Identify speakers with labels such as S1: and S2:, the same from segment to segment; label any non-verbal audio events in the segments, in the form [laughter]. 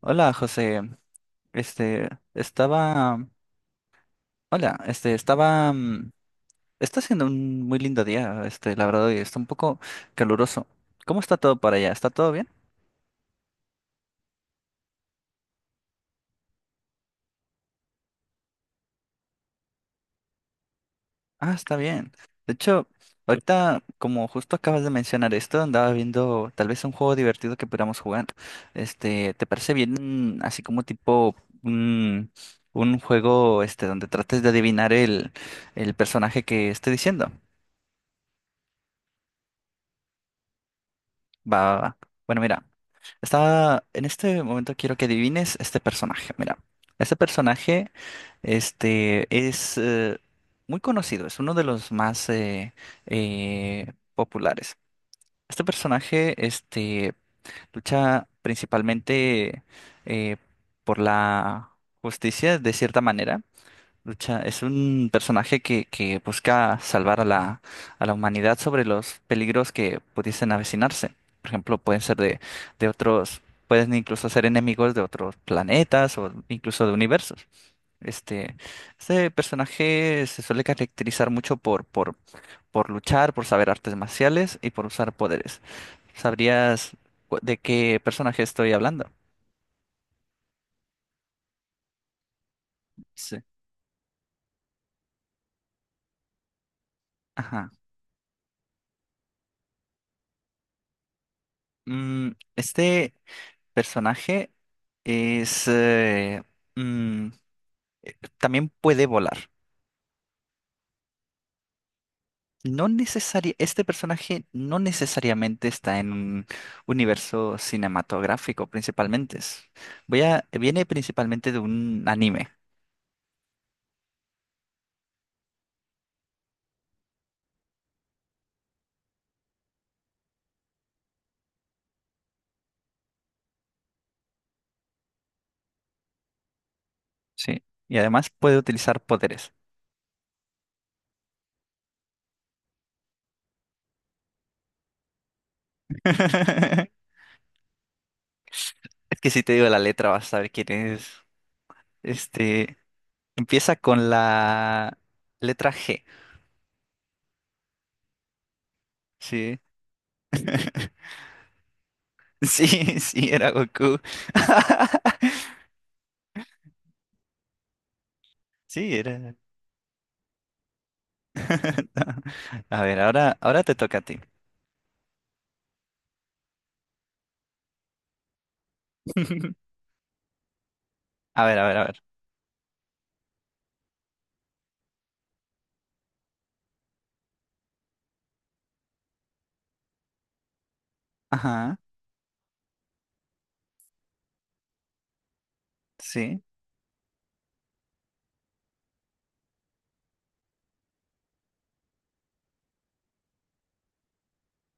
S1: Hola, José. Este, estaba. Hola, estaba. Está siendo un muy lindo día, la verdad, y está un poco caluroso. ¿Cómo está todo para allá? ¿Está todo bien? Ah, está bien. De hecho, ahorita, como justo acabas de mencionar esto, andaba viendo tal vez un juego divertido que pudiéramos jugar. ¿Te parece bien, así como tipo un, un juego, donde trates de adivinar el personaje que esté diciendo? Va, va, va. Bueno, mira, en este momento quiero que adivines este personaje. Mira, este personaje, es muy conocido, es uno de los más populares. Este personaje, lucha principalmente eh, por la justicia, de cierta manera. Lucha es un personaje que busca salvar a a la humanidad sobre los peligros que pudiesen avecinarse. Por ejemplo, pueden ser de otros, pueden incluso ser enemigos de otros planetas o incluso de universos. Este, este personaje se suele caracterizar mucho por luchar, por saber artes marciales y por usar poderes. ¿Sabrías de qué personaje estoy hablando? Sí. Ajá. Mm, este. Personaje es mm, también puede volar. Este personaje no necesariamente está en un universo cinematográfico, principalmente. Viene principalmente de un anime, ¿sí? Y además puede utilizar poderes. [laughs] Es que si te digo la letra vas a saber quién es. Este, empieza con la letra G, ¿sí? [laughs] Sí, sí, era Goku. [laughs] Sí, era. [laughs] A ver, ahora te toca a ti. [laughs] A ver, a ver, a ver. Ajá, sí,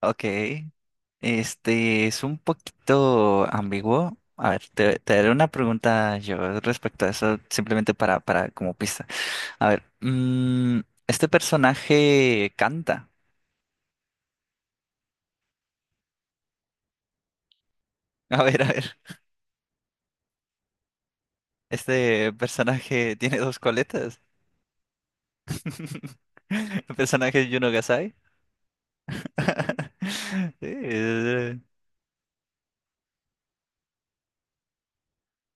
S1: ok. Este es un poquito ambiguo. A ver, te haré una pregunta yo respecto a eso, simplemente para como pista. A ver, este personaje canta. [laughs] A ver, a ver. Este personaje tiene dos coletas. [laughs] El personaje es Yuno Gasai. [laughs] Sí,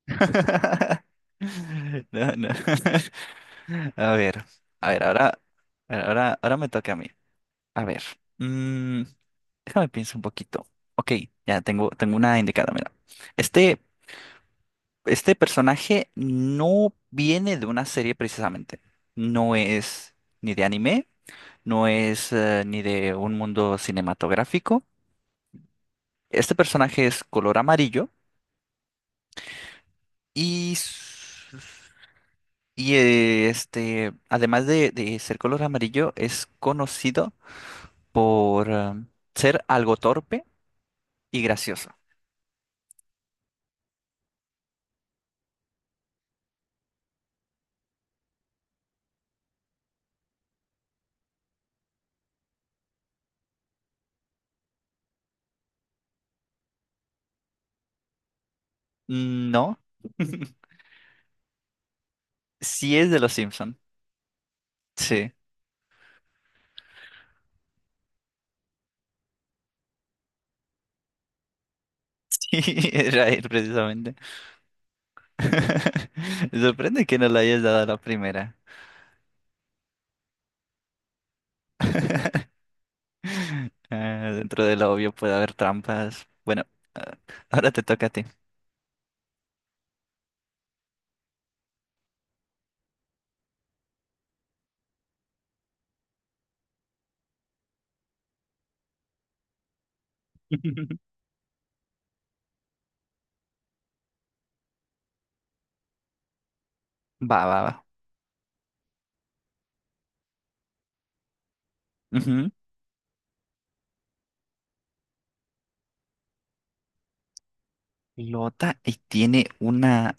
S1: [laughs] No, no. [laughs] A ver, a ver, ahora, ahora me toca a mí. A ver, mm, déjame pienso un poquito. Ok, tengo una indicada, mira. Este, este personaje no viene de una serie precisamente. No es ni de anime, no es ni de un mundo cinematográfico. Este personaje es color amarillo y Y además de ser color amarillo, es conocido por ser algo torpe y gracioso. No, sí es de los Simpson. Sí, [laughs] sí, era él precisamente. [laughs] Me sorprende que no lo hayas dado a la primera. [laughs] Ah, dentro de lo obvio puede haber trampas. Bueno, ah, ahora te toca a ti. [laughs] Va, va, va. Flota y tiene una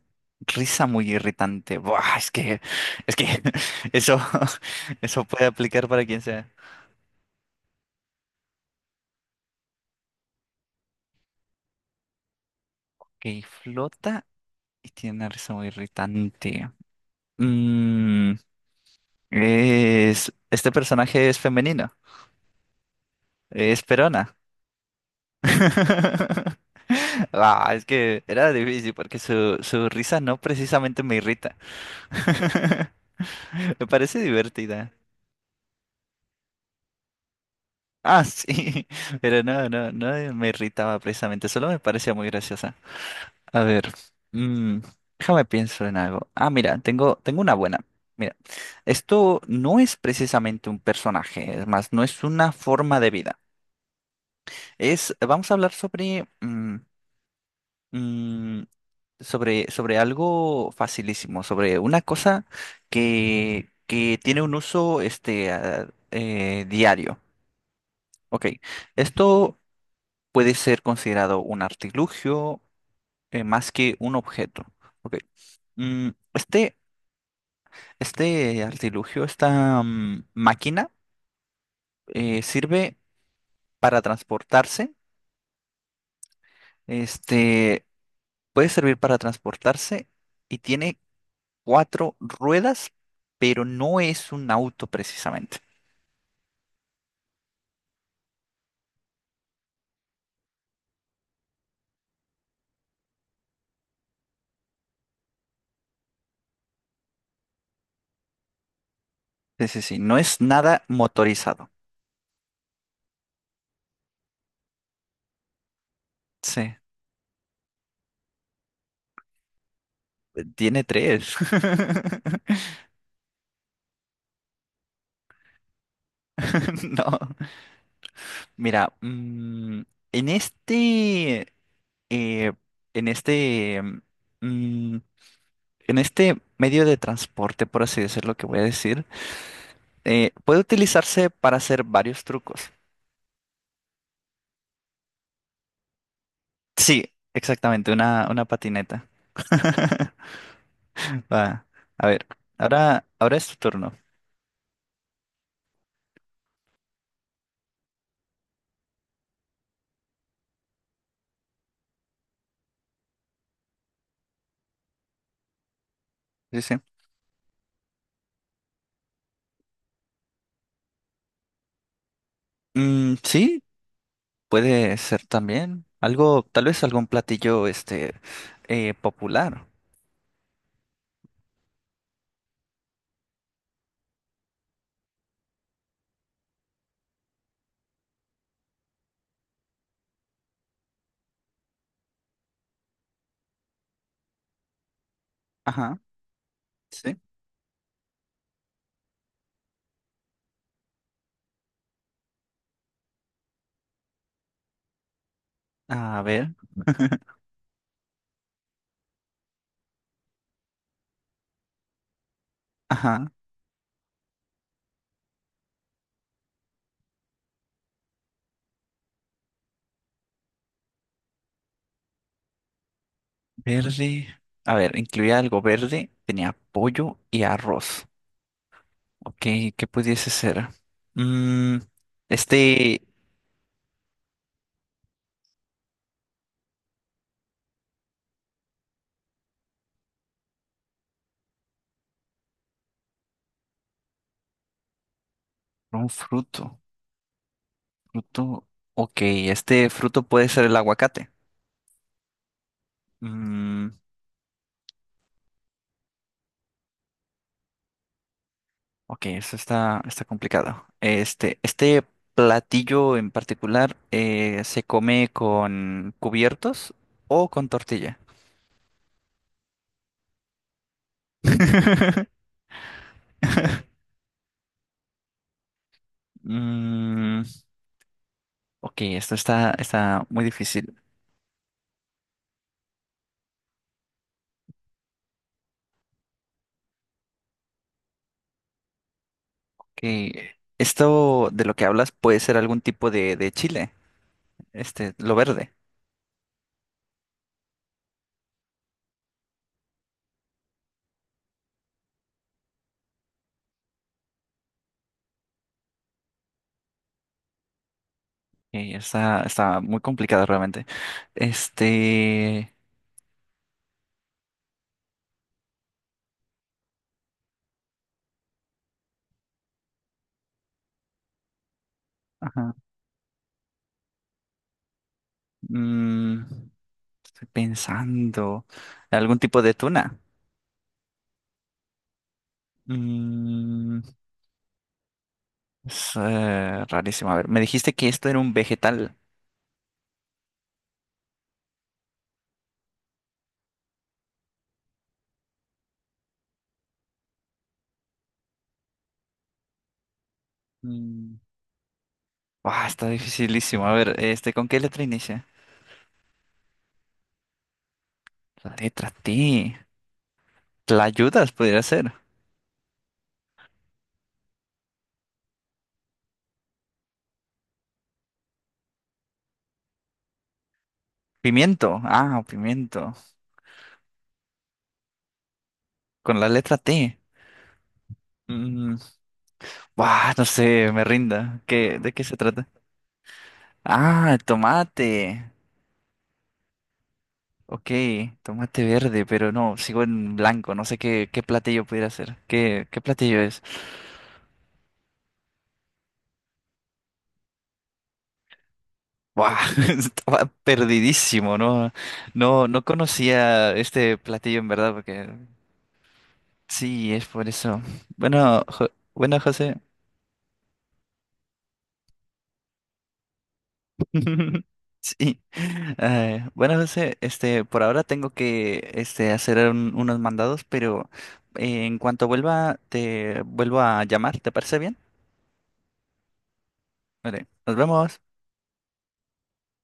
S1: risa muy irritante. Buah, es que [laughs] eso, [laughs] eso puede aplicar para quien sea. Ok, flota y tiene una risa muy irritante. Mm, este personaje es femenino. Es Perona. [laughs] Ah, es que era difícil porque su risa no precisamente me irrita. [laughs] Me parece divertida. Ah, sí, [laughs] pero no, no, no me irritaba precisamente, solo me parecía muy graciosa. A ver, mm, déjame pienso en algo. Ah, mira, tengo una buena. Mira, esto no es precisamente un personaje, es más, no es una forma de vida. Es, vamos a hablar sobre, mm, sobre algo facilísimo, sobre una cosa que tiene un uso, diario. Ok, esto puede ser considerado un artilugio más que un objeto. Ok. Mm, este, este artilugio, máquina, sirve para transportarse. Este puede servir para transportarse y tiene cuatro ruedas, pero no es un auto precisamente. Sí, sí, sí, no es nada motorizado. Sí, tiene tres. [laughs] No, mira, en este. eh, en este, mm, en este medio de transporte, por así decirlo, que voy a decir, puede utilizarse para hacer varios trucos. Sí, exactamente, una patineta. [laughs] Va, a ver, ahora es tu turno. Sí, sí. Mm, sí, puede ser también algo, tal vez algún platillo, popular. Ajá, sí. A ver, ajá. Verde. A ver, incluía algo verde, tenía pollo y arroz. Ok, ¿qué pudiese ser? Mm, este, un fruto. Fruto. Ok, este fruto puede ser el aguacate. Mm, ok, eso está complicado. Este platillo en particular se come con cubiertos o con tortilla. [laughs] Mm, ok, esto está muy difícil. Que esto de lo que hablas puede ser algún tipo de chile, este, lo verde. Está muy complicado realmente. Este, ajá, mm, estoy pensando, algún tipo de tuna. Mm, es rarísimo. A ver, me dijiste que esto era un vegetal. Mm, ah, está dificilísimo. A ver, este, ¿con qué letra inicia? La letra T. ¿La ayudas? Podría ser. Pimiento. Ah, pimiento. Con la letra T. Mm, buah, no sé, me rinda. ¿De qué se trata? Ah, tomate. Ok, tomate verde, pero no, sigo en blanco. No sé qué, ¿qué platillo pudiera hacer? ¿Qué platillo es? Buah, [laughs] estaba perdidísimo, ¿no? No, no conocía este platillo en verdad, porque sí, es por eso. Bueno, Jo- bueno, José. [laughs] Sí. Bueno, José, por ahora tengo que hacer unos mandados, pero en cuanto vuelva, te vuelvo a llamar, ¿te parece bien? Vale, nos vemos.